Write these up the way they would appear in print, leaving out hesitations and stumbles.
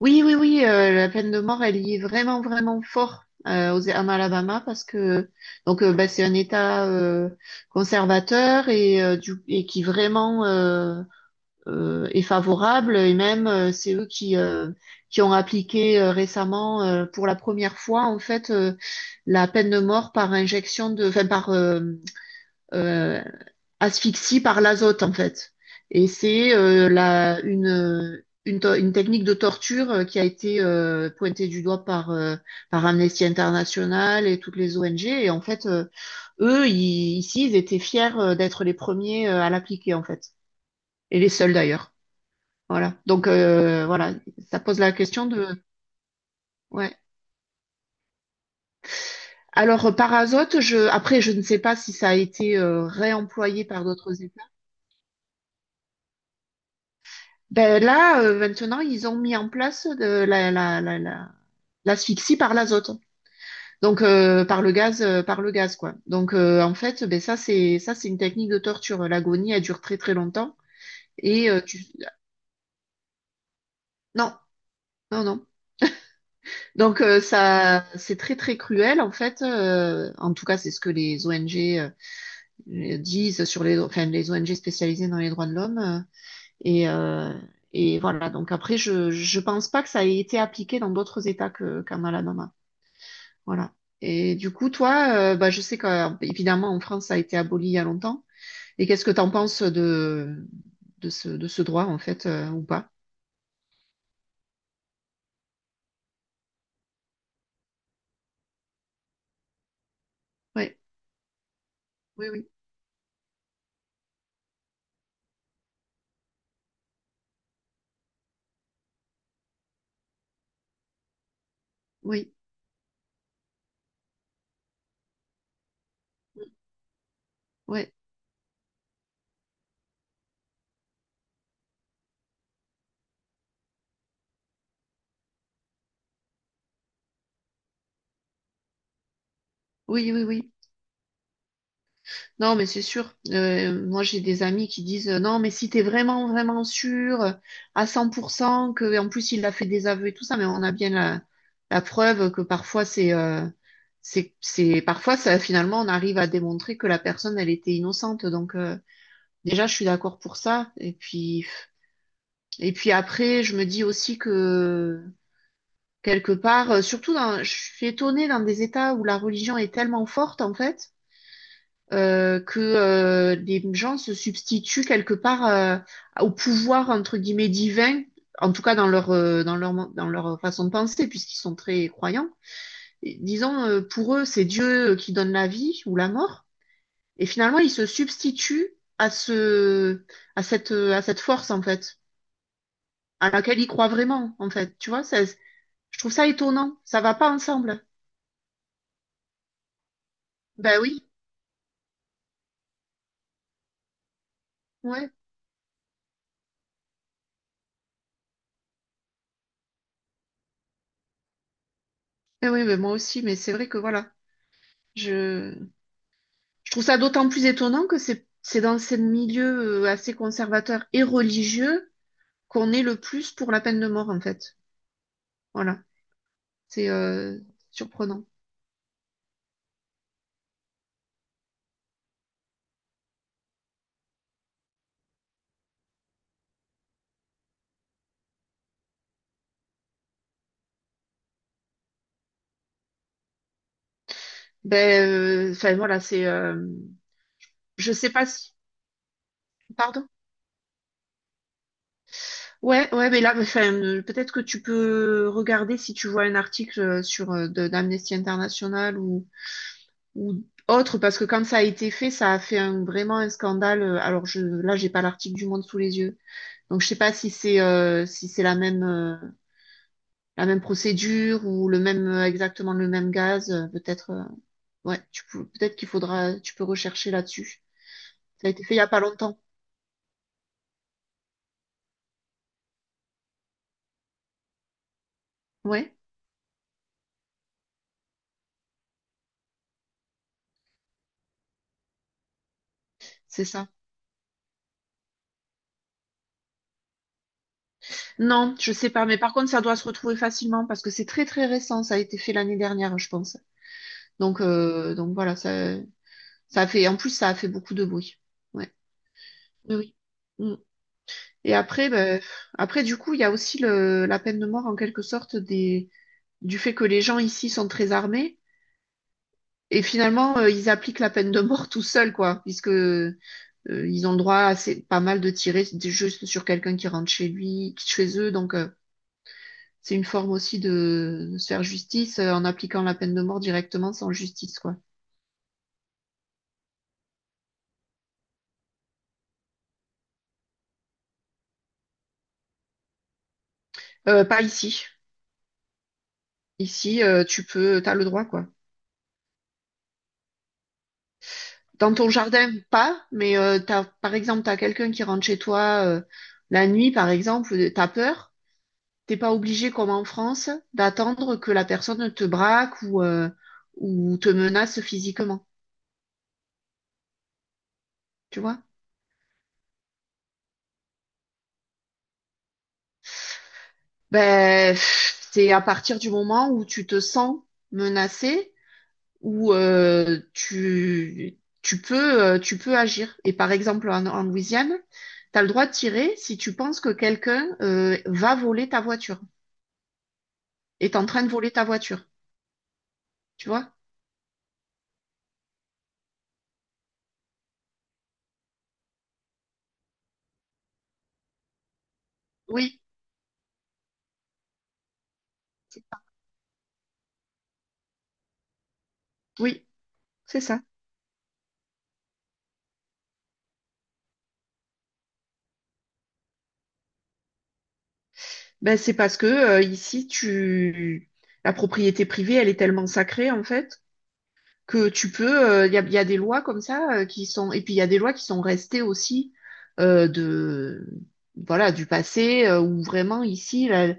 Oui, oui, oui, la peine de mort, elle y est vraiment, vraiment fort en Alabama parce que donc bah, c'est un État conservateur et qui vraiment est favorable et même c'est eux qui ont appliqué récemment pour la première fois en fait la peine de mort par injection de, enfin par euh, asphyxie par l'azote en fait. Et c'est la une, to- une technique de torture qui a été pointée du doigt par Amnesty International et toutes les ONG. Et en fait, ici ils étaient fiers d'être les premiers à l'appliquer en fait et les seuls d'ailleurs. Voilà. Donc voilà, ça pose la question de. Ouais. Alors par azote, je après je ne sais pas si ça a été réemployé par d'autres. Ben là, maintenant, ils ont mis en place de l'asphyxie par l'azote. Donc par le gaz quoi. Donc en fait, ben ça c'est une technique de torture. L'agonie elle dure très très longtemps et tu non, non, non. Donc ça c'est très très cruel en fait. En tout cas c'est ce que les ONG disent sur les, enfin, les ONG spécialisées dans les droits de l'homme et euh, et voilà. Donc après je pense pas que ça ait été appliqué dans d'autres États que qu'en Alabama. Voilà. Et du coup, toi, bah, je sais qu'évidemment, en France, ça a été aboli il y a longtemps. Et qu'est-ce que t'en penses de ce droit, en fait, ou pas? Ouais. Oui, oui, oui, ouais. Oui, oui, oui. Non, mais c'est sûr. Moi, j'ai des amis qui disent, non, mais si t'es vraiment, vraiment sûr à 100% que, en plus, il a fait des aveux et tout ça, mais on a bien la preuve que parfois, c'est, parfois, ça, finalement, on arrive à démontrer que la personne, elle était innocente. Donc, déjà, je suis d'accord pour ça. Et puis, après, je me dis aussi que quelque part, surtout dans, je suis étonnée dans des États où la religion est tellement forte, en fait, que les gens se substituent quelque part au pouvoir, entre guillemets, divin, en tout cas dans leur, mon- dans leur façon de penser, puisqu'ils sont très croyants. Et disons, pour eux, c'est Dieu qui donne la vie ou la mort. Et finalement, ils se substituent à cette force, en fait. À laquelle il croit vraiment, en fait. Tu vois, ça, je trouve ça étonnant. Ça va pas ensemble. Ben oui, ouais. Ben oui, mais moi aussi, mais c'est vrai que voilà. Je, je trouve ça d'autant plus étonnant que c'est dans ces milieux assez conservateurs et religieux qu'on est le plus pour la peine de mort, en fait. Voilà. C'est surprenant. Ben, enfin, voilà, c'est, je sais pas si. Pardon? Ouais, ouais, mais là, enfin, peut-être que tu peux regarder si tu vois un article sur d'Amnesty International ou autre, parce que quand ça a été fait, ça a fait vraiment un scandale. Alors là, j'ai pas l'article du Monde sous les yeux, donc je sais pas si c'est si c'est la même procédure ou le même exactement le même gaz. Peut-être ouais, tu peux, peut-être qu'il faudra, tu peux rechercher là-dessus. Ça a été fait il y a pas longtemps. Ouais, c'est ça. Non, je sais pas, mais par contre, ça doit se retrouver facilement parce que c'est très très récent. Ça a été fait l'année dernière, je pense. Donc voilà, ça a fait. En plus, ça a fait beaucoup de bruit. Ouais. Oui. Oui. Mm. Et après, ben, après du coup, il y a aussi la peine de mort en quelque sorte du fait que les gens ici sont très armés et finalement ils appliquent la peine de mort tout seuls quoi, puisque ils ont le droit à assez, pas mal de tirer juste sur quelqu'un qui rentre chez lui, chez eux, donc c'est une forme aussi de se faire justice en appliquant la peine de mort directement sans justice quoi. Pas ici. Ici, tu peux, t'as le droit quoi. Dans ton jardin, pas, mais par exemple, t'as quelqu'un qui rentre chez toi la nuit, par exemple, t'as peur, t'es pas obligé, comme en France, d'attendre que la personne te braque ou, te menace physiquement, tu vois? Ben, pff, c'est à partir du moment où tu te sens menacé, où tu peux agir. Et par exemple, en Louisiane, t'as le droit de tirer si tu penses que quelqu'un va voler ta voiture. Est en train de voler ta voiture. Tu vois? Oui, oui, c'est ça. Ben, c'est parce que ici, la propriété privée, elle est tellement sacrée, en fait, que tu peux. Il y a, y a des lois comme ça qui sont. Et puis, il y a des lois qui sont restées aussi de. Voilà, du passé, où vraiment ici, la,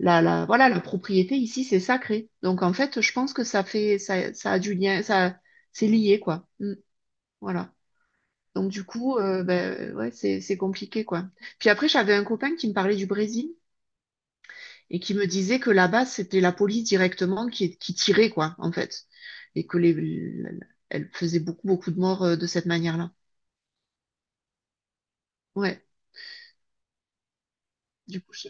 la, la, voilà, la propriété ici, c'est sacré. Donc, en fait, je pense que ça fait. Ça a du lien. Ça, c'est lié, quoi. Mm. Voilà. Donc du coup, ben, ouais, c'est compliqué quoi. Puis après, j'avais un copain qui me parlait du Brésil et qui me disait que là-bas, c'était la police directement qui tirait quoi, en fait, et que les elle faisait beaucoup beaucoup de morts de cette manière-là. Ouais, du coup,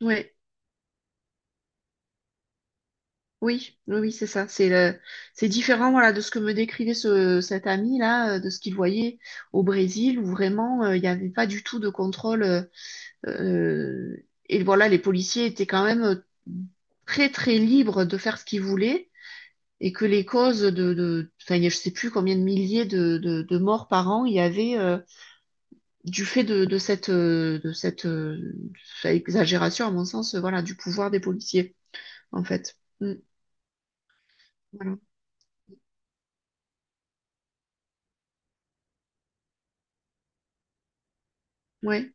ouais, oui, oui, oui, c'est ça. C'est différent voilà de ce que me décrivait ce cet ami là, de ce qu'il voyait au Brésil où vraiment il n'y avait pas du tout de contrôle. Euh, et voilà, les policiers étaient quand même très très libres de faire ce qu'ils voulaient et que les causes de enfin, je sais plus combien de milliers de morts par an il y avait du fait de cette, enfin, exagération, à mon sens, voilà, du pouvoir des policiers, en fait. Mm, voilà. Ouais,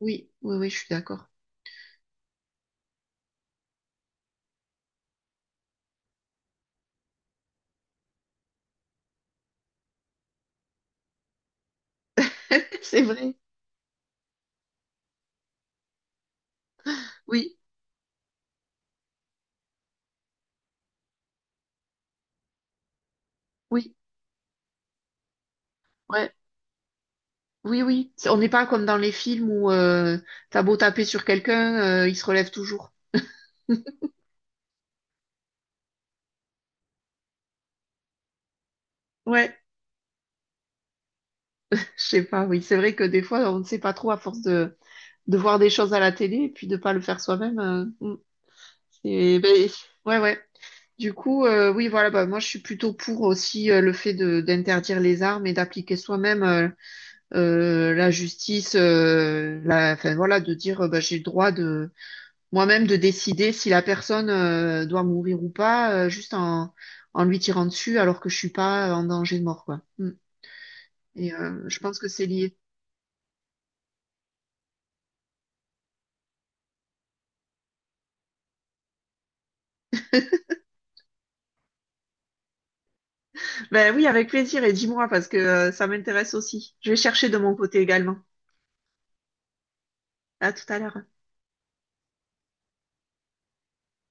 oui, oui, oui, je suis d'accord. C'est vrai. Oui, oui, ouais, oui, oui. On n'est pas comme dans les films où t'as beau taper sur quelqu'un, il se relève toujours. Ouais. Je sais pas, oui. C'est vrai que des fois, on ne sait pas trop à force de voir des choses à la télé et puis de pas le faire soi-même. Ben, ouais, ouais. Du coup, oui, voilà, bah, moi, je suis plutôt pour aussi le fait de d'interdire les armes et d'appliquer soi-même la justice, enfin, voilà, de dire, bah, j'ai le droit de moi-même de décider si la personne doit mourir ou pas, juste en, lui tirant dessus alors que je suis pas en danger de mort, quoi. Mm. Et je pense que c'est lié. Ben oui, avec plaisir et dis-moi parce que ça m'intéresse aussi. Je vais chercher de mon côté également. À tout à l'heure.